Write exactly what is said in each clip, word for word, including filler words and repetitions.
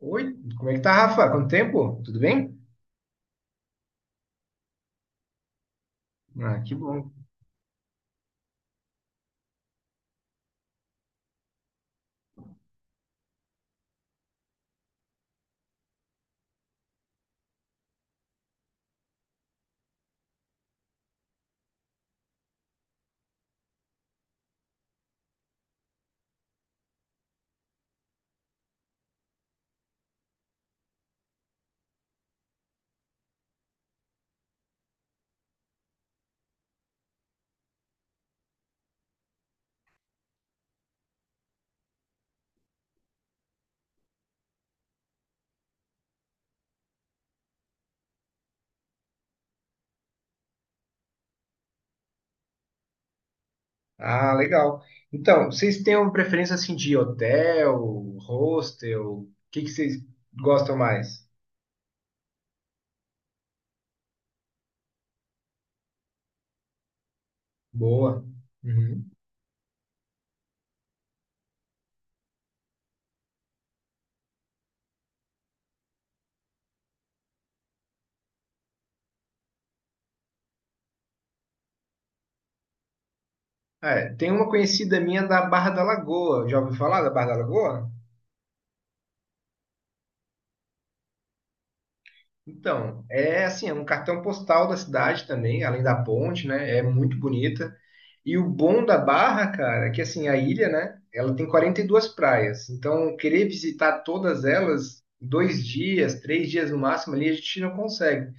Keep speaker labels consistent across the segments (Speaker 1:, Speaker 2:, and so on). Speaker 1: Oi, como é que tá, Rafa? Quanto tempo? Tudo bem? Ah, que bom. Ah, legal. Então, vocês têm uma preferência assim de hotel, hostel? O que que vocês gostam mais? Boa. Uhum. É, tem uma conhecida minha da Barra da Lagoa. Já ouviu falar da Barra da Lagoa? Então, é assim, é um cartão postal da cidade também, além da ponte, né? É muito bonita. E o bom da Barra, cara, é que assim, a ilha, né? Ela tem quarenta e duas praias. Então, querer visitar todas elas, em dois dias, três dias no máximo ali, a gente não consegue.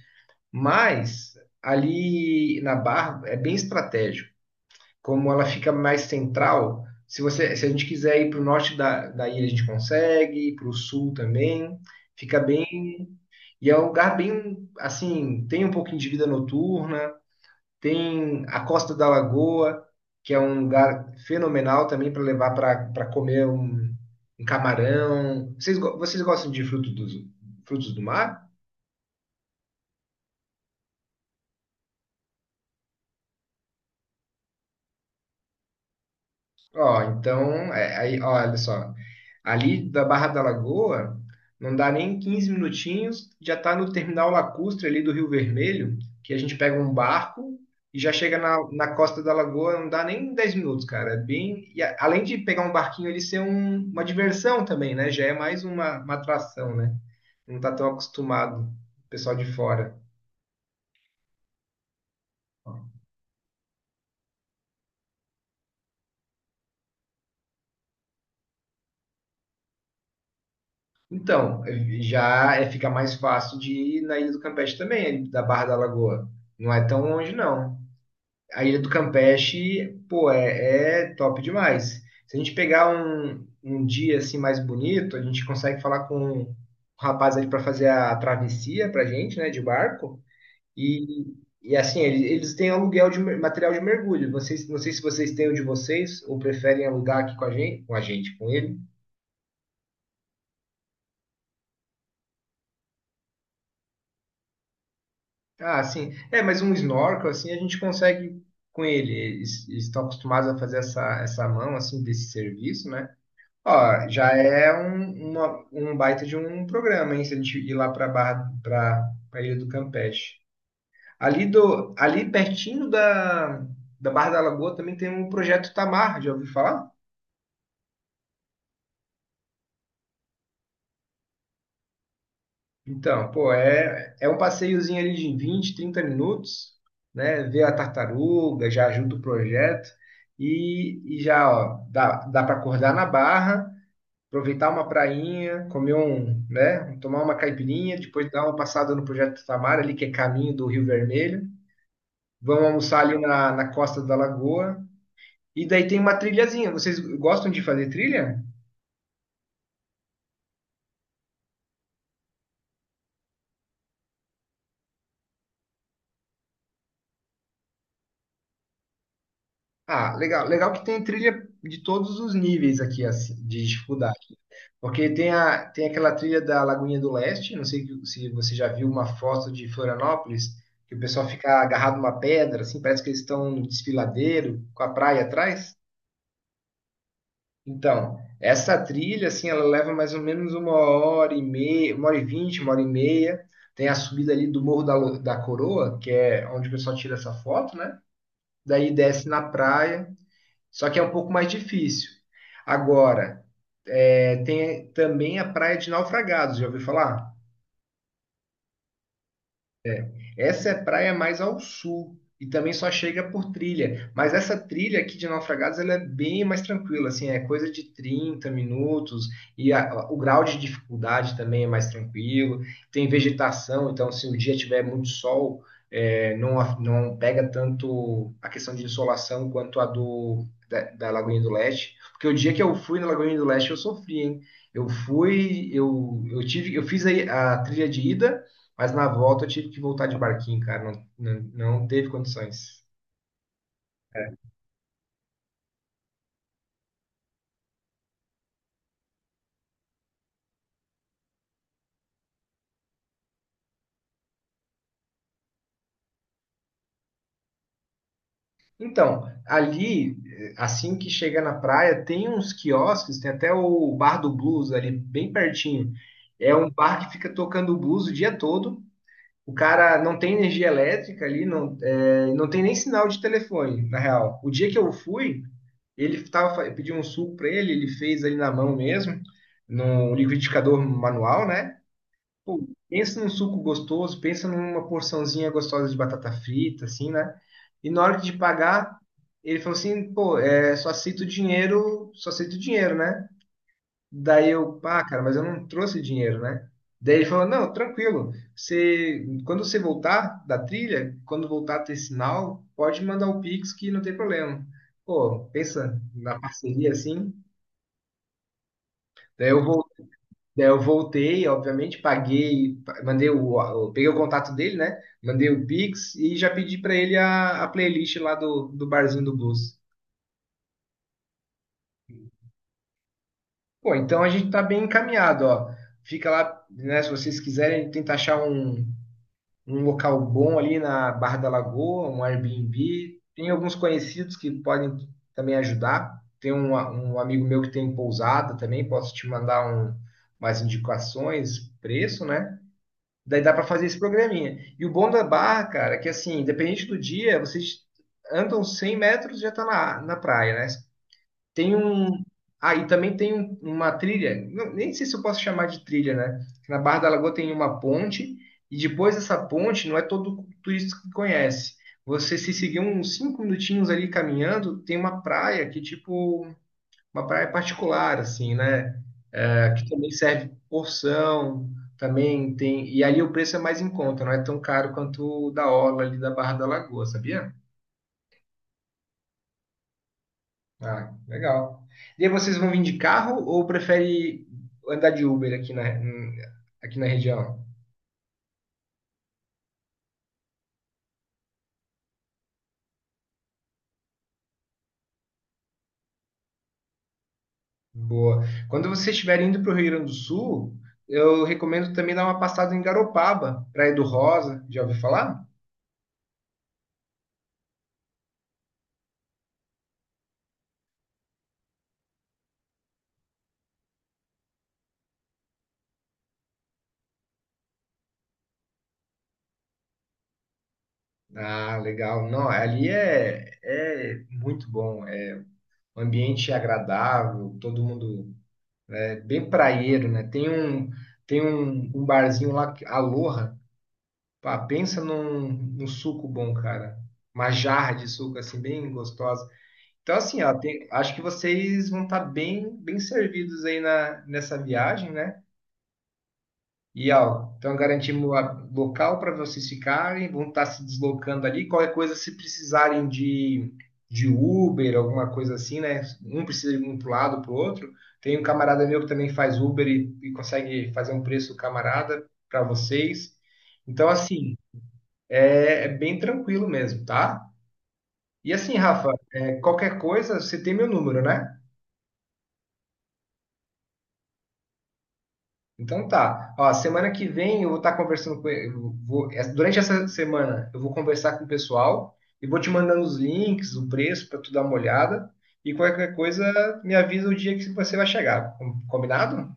Speaker 1: Mas ali na Barra é bem estratégico. Como ela fica mais central, se você, se a gente quiser ir para o norte da, da ilha, a gente consegue, para o sul também. Fica bem. E é um lugar bem assim, tem um pouquinho de vida noturna, tem a Costa da Lagoa, que é um lugar fenomenal também para levar para comer um, um camarão. Vocês, go- vocês gostam de frutos dos frutos do mar? Ó, então, é, aí, ó, olha só. Ali da Barra da Lagoa, não dá nem quinze minutinhos, já está no terminal lacustre ali do Rio Vermelho, que a gente pega um barco e já chega na, na costa da Lagoa, não dá nem dez minutos, cara. É bem, e a- além de pegar um barquinho ali ser um- uma diversão também, né? Já é mais uma, uma atração, né? Não tá tão acostumado o pessoal de fora. Então, já é, fica mais fácil de ir na Ilha do Campeche também, da Barra da Lagoa. Não é tão longe, não. A Ilha do Campeche, pô, é, é top demais. Se a gente pegar um, um dia assim mais bonito, a gente consegue falar com o rapaz ali para fazer a travessia pra gente, né, de barco. E, e assim, eles, eles têm aluguel de mer- material de mergulho. Vocês, não sei se vocês têm o de vocês ou preferem alugar aqui com a gente, com a gente, com ele. Ah, sim. É, mas um snorkel assim a gente consegue com ele. Eles, eles estão acostumados a fazer essa, essa mão assim desse serviço, né? Ó, já é um, uma- um baita de um programa, hein? Se a gente ir lá para Barra, para a Ilha do Campeche. Ali, do, ali pertinho da, da Barra da Lagoa também tem um projeto Tamar, já ouviu falar? Então, pô, é, é um passeiozinho ali de vinte trinta minutos, né? Ver a tartaruga, já ajuda o projeto. E, e já, ó, dá, dá para acordar na Barra aproveitar uma prainha, comer um, né, tomar uma caipirinha, depois dar uma passada no Projeto Tamar ali, que é caminho do Rio Vermelho. Vamos almoçar ali na, na costa da lagoa. E daí tem uma trilhazinha. Vocês gostam de fazer trilha? Ah, legal. Legal que tem trilha de todos os níveis aqui assim, de dificuldade. Porque tem, a, tem aquela trilha da Lagoinha do Leste, não sei se você já viu uma foto de Florianópolis, que o pessoal fica agarrado numa pedra, assim, parece que eles estão no desfiladeiro, com a praia atrás. Então, essa trilha, assim, ela leva mais ou menos uma hora e meia, uma hora e vinte, uma hora e meia. Tem a subida ali do Morro da, Lo- da Coroa, que é onde o pessoal tira essa foto, né? Daí desce na praia, só que é um pouco mais difícil. Agora, é, tem também a Praia de Naufragados, já ouviu falar? Essa é praia mais ao sul e também só chega por trilha. Mas essa trilha aqui de Naufragados ela é bem mais tranquila, assim, é coisa de trinta minutos e a- o grau de dificuldade também é mais tranquilo. Tem vegetação, então se o dia tiver muito sol, é, não, af- não pega tanto a questão de insolação quanto a do da, da Lagoinha do Leste. Porque o dia que eu fui na Lagoinha do Leste eu sofri, hein? Eu fui, eu, eu tive, eu fiz aí a trilha de ida. Mas na volta eu tive que voltar de barquinho, cara. Não, não, não teve condições. Então, ali, eh, assim que chega na praia, tem uns quiosques, tem até o Bar do Blues ali, bem pertinho. É um bar que fica tocando blues o dia todo. O cara não tem energia elétrica ali, não, eh, não tem nem sinal de telefone, na real. O dia que eu fui, ele tava, fa- eu pedi um suco para ele, ele fez ali na mão mesmo, num liquidificador manual, né? Pô, pensa num suco gostoso, pensa numa porçãozinha gostosa de batata frita, assim, né? E na hora de pagar, ele falou assim, pô, é, só aceito dinheiro, só aceito dinheiro, né? Daí eu, pá, cara, mas eu não trouxe dinheiro, né? Daí ele falou, não, tranquilo, você, quando você voltar da trilha, quando voltar a ter sinal, pode mandar o Pix que não tem problema. Pô, pensa na parceria assim. Daí eu vou Daí eu voltei, obviamente, paguei, pa- mandei o, o- peguei o contato dele, né? Mandei o Pix e já pedi para ele a, a playlist lá do, do Barzinho do Blues. Pô, então a gente tá bem encaminhado, ó. Fica lá, né? Se vocês quiserem, tenta achar um, um local bom ali na Barra da Lagoa, um Airbnb. Tem alguns conhecidos que podem também ajudar. Tem um, a- um amigo meu que tem pousada também, posso te mandar um, umas indicações, preço, né? Daí dá para fazer esse programinha. E o bom da barra, cara, é que assim, independente do dia, vocês andam cem metros e já tá na, na praia, né? Tem um. Ah, e também tem um- uma trilha, não- nem sei se eu posso chamar de trilha, né? Na Barra da Lagoa tem uma ponte, e depois dessa ponte não é todo turista que conhece. Você se seguir uns cinco minutinhos ali caminhando, tem uma praia que, tipo, uma praia particular, assim, né? É, que também serve porção, também tem. E ali o preço é mais em conta, não é tão caro quanto o da orla ali da Barra da Lagoa, sabia? Ah, legal. E aí vocês vão vir de carro ou prefere andar de Uber aqui na, em- aqui na região? Boa. Quando vocês estiverem indo para o Rio Grande do Sul, eu recomendo também dar uma passada em Garopaba, Praia do Rosa, já ouviu falar? Ah, legal. Não, ali é, é muito bom. O ambiente é agradável, todo mundo é bem praieiro, né? Tem um, tem um, um barzinho lá, que- Aloha, pá, pensa num, num suco bom, cara. Uma jarra de suco, assim, bem gostosa. Então, assim, ó, tem- acho que vocês vão estar bem, bem servidos aí na, nessa viagem, né? E ó, então garantimos a- local para vocês ficarem, vão estar se deslocando ali. Qualquer coisa, se precisarem de, de Uber, alguma coisa assim, né? Um precisa ir um para o lado, para o outro. Tem um camarada meu que também faz Uber e, e consegue fazer um preço camarada para vocês. Então, assim, é, é bem tranquilo mesmo, tá? E assim, Rafa, é, qualquer coisa, você tem meu número, né? Então tá. Ó, semana que vem eu vou estar conversando com eu vou, é, durante essa semana eu vou conversar com o pessoal e vou te mandando os links, o preço para tu dar uma olhada e qualquer coisa me avisa o dia que você vai chegar. Com- Combinado?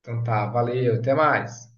Speaker 1: Então tá, valeu, até mais.